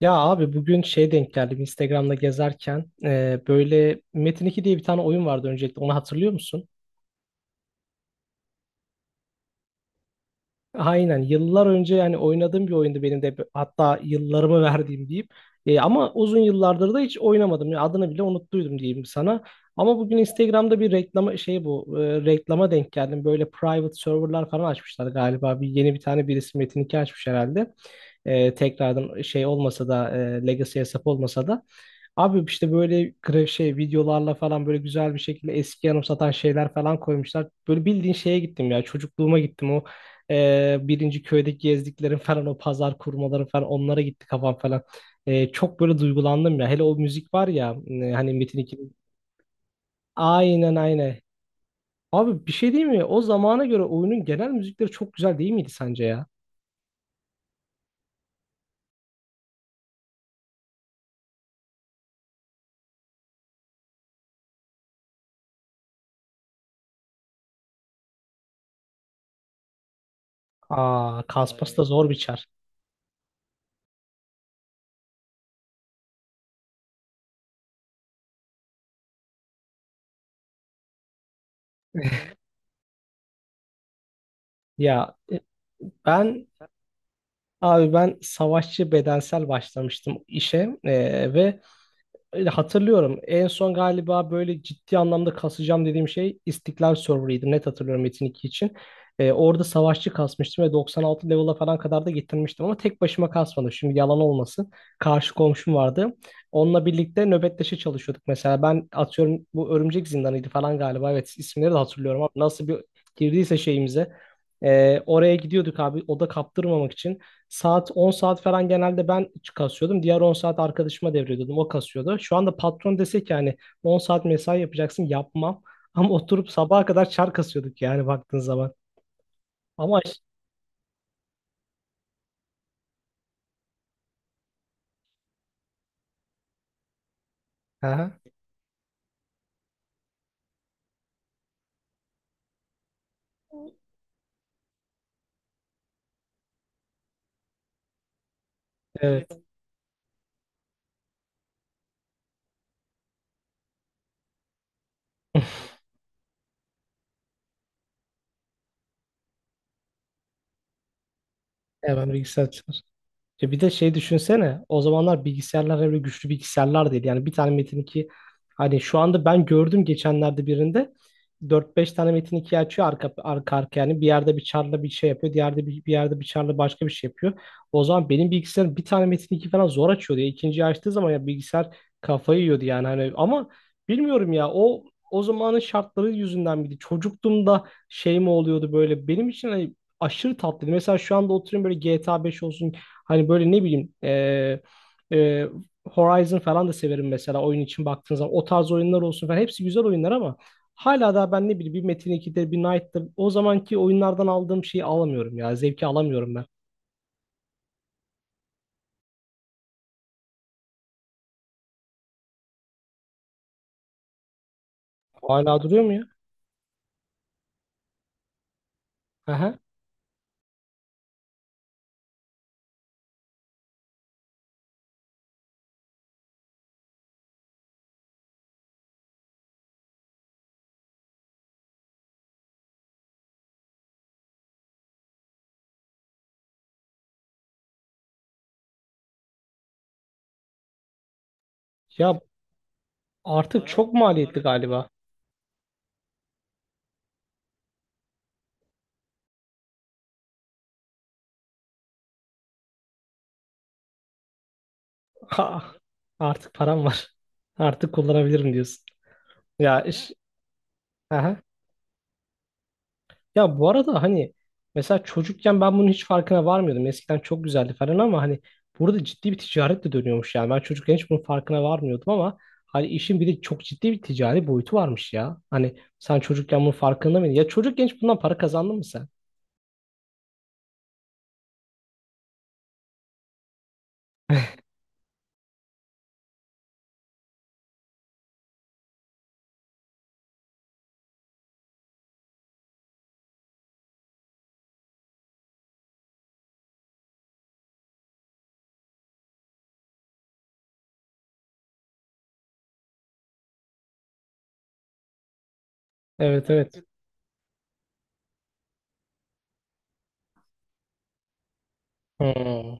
Ya abi bugün denk geldim Instagram'da gezerken böyle Metin 2 diye bir tane oyun vardı. Öncelikle onu hatırlıyor musun? Aynen, yıllar önce yani oynadığım bir oyundu benim de, hatta yıllarımı verdiğim diyeyim. Ama uzun yıllardır da hiç oynamadım ya, adını bile unuttuydum diyeyim sana. Ama bugün Instagram'da bir reklama reklama denk geldim. Böyle private serverlar falan açmışlar galiba, yeni bir tane birisi Metin 2 açmış herhalde. Tekrardan olmasa da Legacy hesap olmasa da. Abi işte böyle videolarla falan böyle güzel bir şekilde eski anımsatan şeyler falan koymuşlar. Böyle bildiğin şeye gittim ya, çocukluğuma gittim. Birinci köydeki gezdiklerim falan, o pazar kurmaları falan, onlara gitti kafam falan. Çok böyle duygulandım ya, hele o müzik var ya, hani Metin 2'nin. Aynen, aynen. Abi bir şey değil mi? O zamana göre oyunun genel müzikleri çok güzel değil miydi sence ya? Aa, Kaspas da ay, zor biçer. Ya e, ben ben savaşçı bedensel başlamıştım işe ve öyle hatırlıyorum. En son galiba böyle ciddi anlamda kasacağım dediğim şey İstiklal Server'ıydı, net hatırlıyorum Metin 2 için. Orada savaşçı kasmıştım ve 96 level'a falan kadar da getirmiştim, ama tek başıma kasmadım, şimdi yalan olmasın, karşı komşum vardı. Onunla birlikte nöbetleşe çalışıyorduk. Mesela ben atıyorum bu Örümcek Zindanı'ydı falan galiba, evet, isimleri de hatırlıyorum. Ama nasıl bir girdiyse şeyimize. Oraya gidiyorduk abi, oda kaptırmamak için. Saat 10 saat falan genelde ben kasıyordum. Diğer 10 saat arkadaşıma devrediyordum, o kasıyordu. Şu anda patron dese ki hani 10 saat mesai yapacaksın, yapmam. Ama oturup sabaha kadar çar kasıyorduk yani baktığın zaman. Ama aha, evet. Evet, ben bilgisayar. E bir de şey düşünsene, o zamanlar bilgisayarlar öyle güçlü bilgisayarlar değil. Yani bir tane Metin 2, hani şu anda ben gördüm geçenlerde birinde dört beş tane Metin 2 açıyor arka arka arka. Yani bir yerde bir charla bir şey yapıyor, diğerde bir yerde bir charla başka bir şey yapıyor. O zaman benim bilgisayarım bir tane Metin 2 falan zor açıyordu ya. İkinciyi açtığı zaman ya bilgisayar kafayı yiyordu yani. Hani ama bilmiyorum ya, o o zamanın şartları yüzünden miydi? Çocukluğumda şey mi oluyordu böyle? Benim için hani aşırı tatlıydı. Mesela şu anda oturuyorum böyle GTA 5 olsun, hani böyle ne bileyim e, Horizon falan da severim mesela. Oyun için baktığınız zaman o tarz oyunlar olsun falan, hepsi güzel oyunlar, ama hala da ben ne bileyim bir Metin 2'de, bir Knight'da o zamanki oyunlardan aldığım şeyi alamıyorum ya. Zevki alamıyorum ben. Hala duruyor mu ya? Aha. Ya artık çok maliyetli galiba. Ha, artık param var. Artık kullanabilirim diyorsun. Ya iş. Aha. Ya bu arada hani mesela çocukken ben bunun hiç farkına varmıyordum. Eskiden çok güzeldi falan, ama hani burada ciddi bir ticaret de dönüyormuş yani. Ben çocukken hiç bunun farkına varmıyordum, ama hani işin bir de çok ciddi bir ticari boyutu varmış ya. Hani sen çocukken bunun farkında mıydın? Ya çocukken hiç bundan para kazandın mı sen? Evet, evet. Hmm.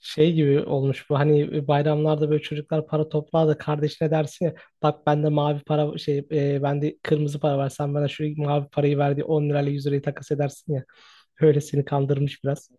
Şey gibi olmuş bu, hani bayramlarda böyle çocuklar para toplar da kardeşine dersin ya, bak bende mavi para bende kırmızı para var, sen bana şu mavi parayı ver diye 10 lirayla 100 lirayı takas edersin ya, öyle seni kandırmış biraz.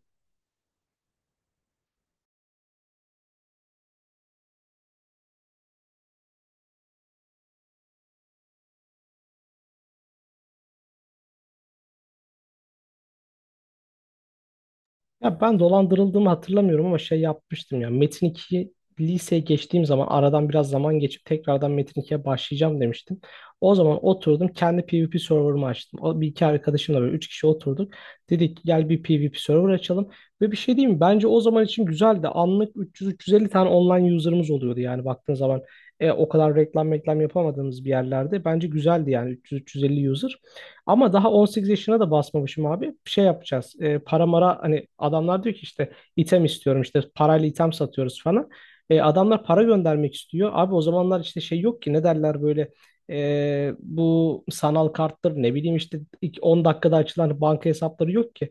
Ya ben dolandırıldığımı hatırlamıyorum ama şey yapmıştım ya. Metin 2, liseye geçtiğim zaman, aradan biraz zaman geçip tekrardan Metin 2'ye başlayacağım demiştim. O zaman oturdum, kendi PvP server'ımı açtım. O bir iki arkadaşımla böyle üç kişi oturduk, dedik ki gel bir PvP server açalım. Ve bir şey diyeyim mi? Bence o zaman için güzeldi. Anlık 300-350 tane online user'ımız oluyordu yani baktığın zaman. O kadar reklam yapamadığımız bir yerlerde bence güzeldi yani 300-350 user. Ama daha 18 yaşına da basmamışım abi. Şey yapacağız. Para mara, hani adamlar diyor ki işte item istiyorum, işte parayla item satıyoruz falan. Adamlar para göndermek istiyor. Abi o zamanlar işte şey yok ki, ne derler böyle, bu sanal karttır, ne bileyim, işte ilk 10 dakikada açılan banka hesapları yok ki.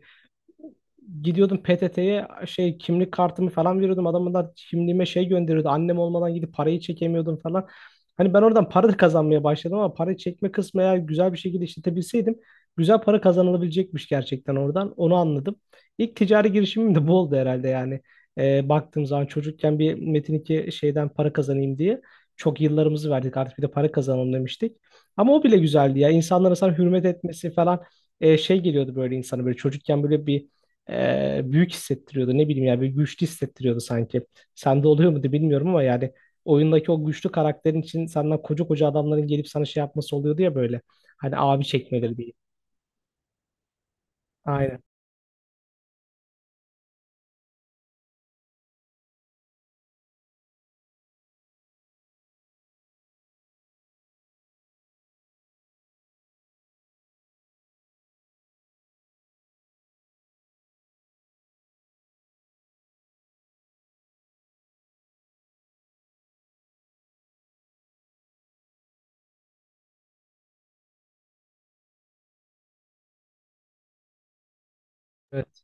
Gidiyordum PTT'ye, şey kimlik kartımı falan veriyordum. Adamlar kimliğime şey gönderiyordu, annem olmadan gidip parayı çekemiyordum falan. Hani ben oradan para da kazanmaya başladım, ama parayı çekme kısmı eğer güzel bir şekilde işletebilseydim güzel para kazanılabilecekmiş gerçekten oradan. Onu anladım. İlk ticari girişimim de bu oldu herhalde yani. Baktığım zaman çocukken bir Metin iki şeyden para kazanayım diye çok yıllarımızı verdik, artık bir de para kazanalım demiştik. Ama o bile güzeldi ya. İnsanlara sana hürmet etmesi falan, şey geliyordu böyle insana, böyle çocukken böyle bir büyük hissettiriyordu. Ne bileyim yani, bir güçlü hissettiriyordu sanki. Sende oluyor muydu bilmiyorum ama yani oyundaki o güçlü karakterin için senden koca koca adamların gelip sana şey yapması oluyordu ya böyle. Hani abi çekmeleri diye. Aynen. Evet.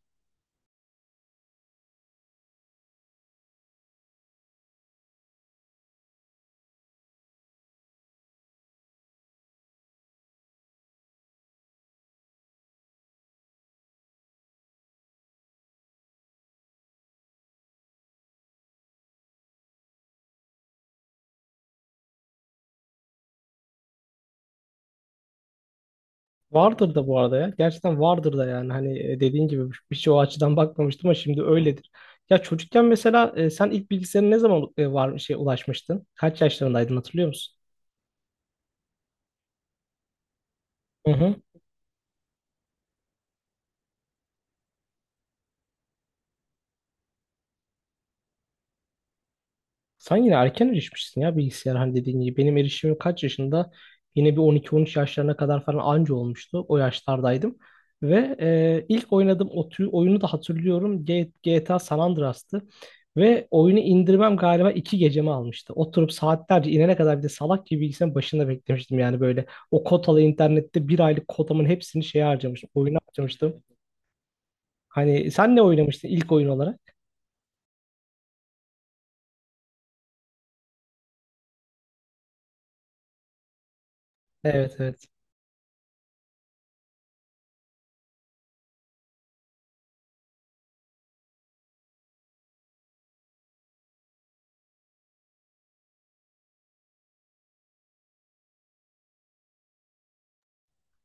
Vardır da bu arada ya. Gerçekten vardır da yani. Hani dediğin gibi bir şey, o açıdan bakmamıştım, ama şimdi öyledir. Ya çocukken mesela, sen ilk bilgisayarın ne zaman e, var şey ulaşmıştın? Kaç yaşlarındaydın hatırlıyor musun? Hı hı. Sen yine erken erişmişsin ya bilgisayar hani dediğin gibi. Benim erişimim kaç yaşında? Yine bir 12-13 yaşlarına kadar falan anca olmuştu. O yaşlardaydım. Ve ilk oynadığım oyunu da hatırlıyorum. GTA San Andreas'tı. Ve oyunu indirmem galiba iki gecemi almıştı. Oturup saatlerce inene kadar bir de salak gibi bilgisayarın başında beklemiştim. Yani böyle o kotalı internette bir aylık kotamın hepsini şeye harcamıştım, oyuna harcamıştım. Hani sen ne oynamıştın ilk oyun olarak? Evet, evet.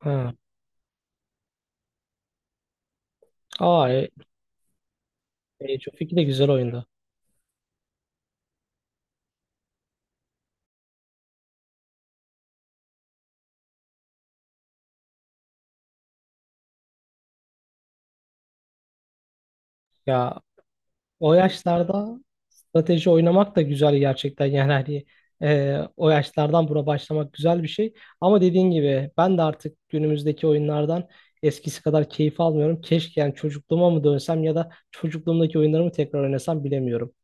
Ha. Aa, e, çok fikir de güzel oyundu. Ya o yaşlarda strateji oynamak da güzel gerçekten yani, hani o yaşlardan buna başlamak güzel bir şey. Ama dediğin gibi ben de artık günümüzdeki oyunlardan eskisi kadar keyif almıyorum. Keşke, yani çocukluğuma mı dönsem ya da çocukluğumdaki oyunlarımı tekrar oynasam, bilemiyorum.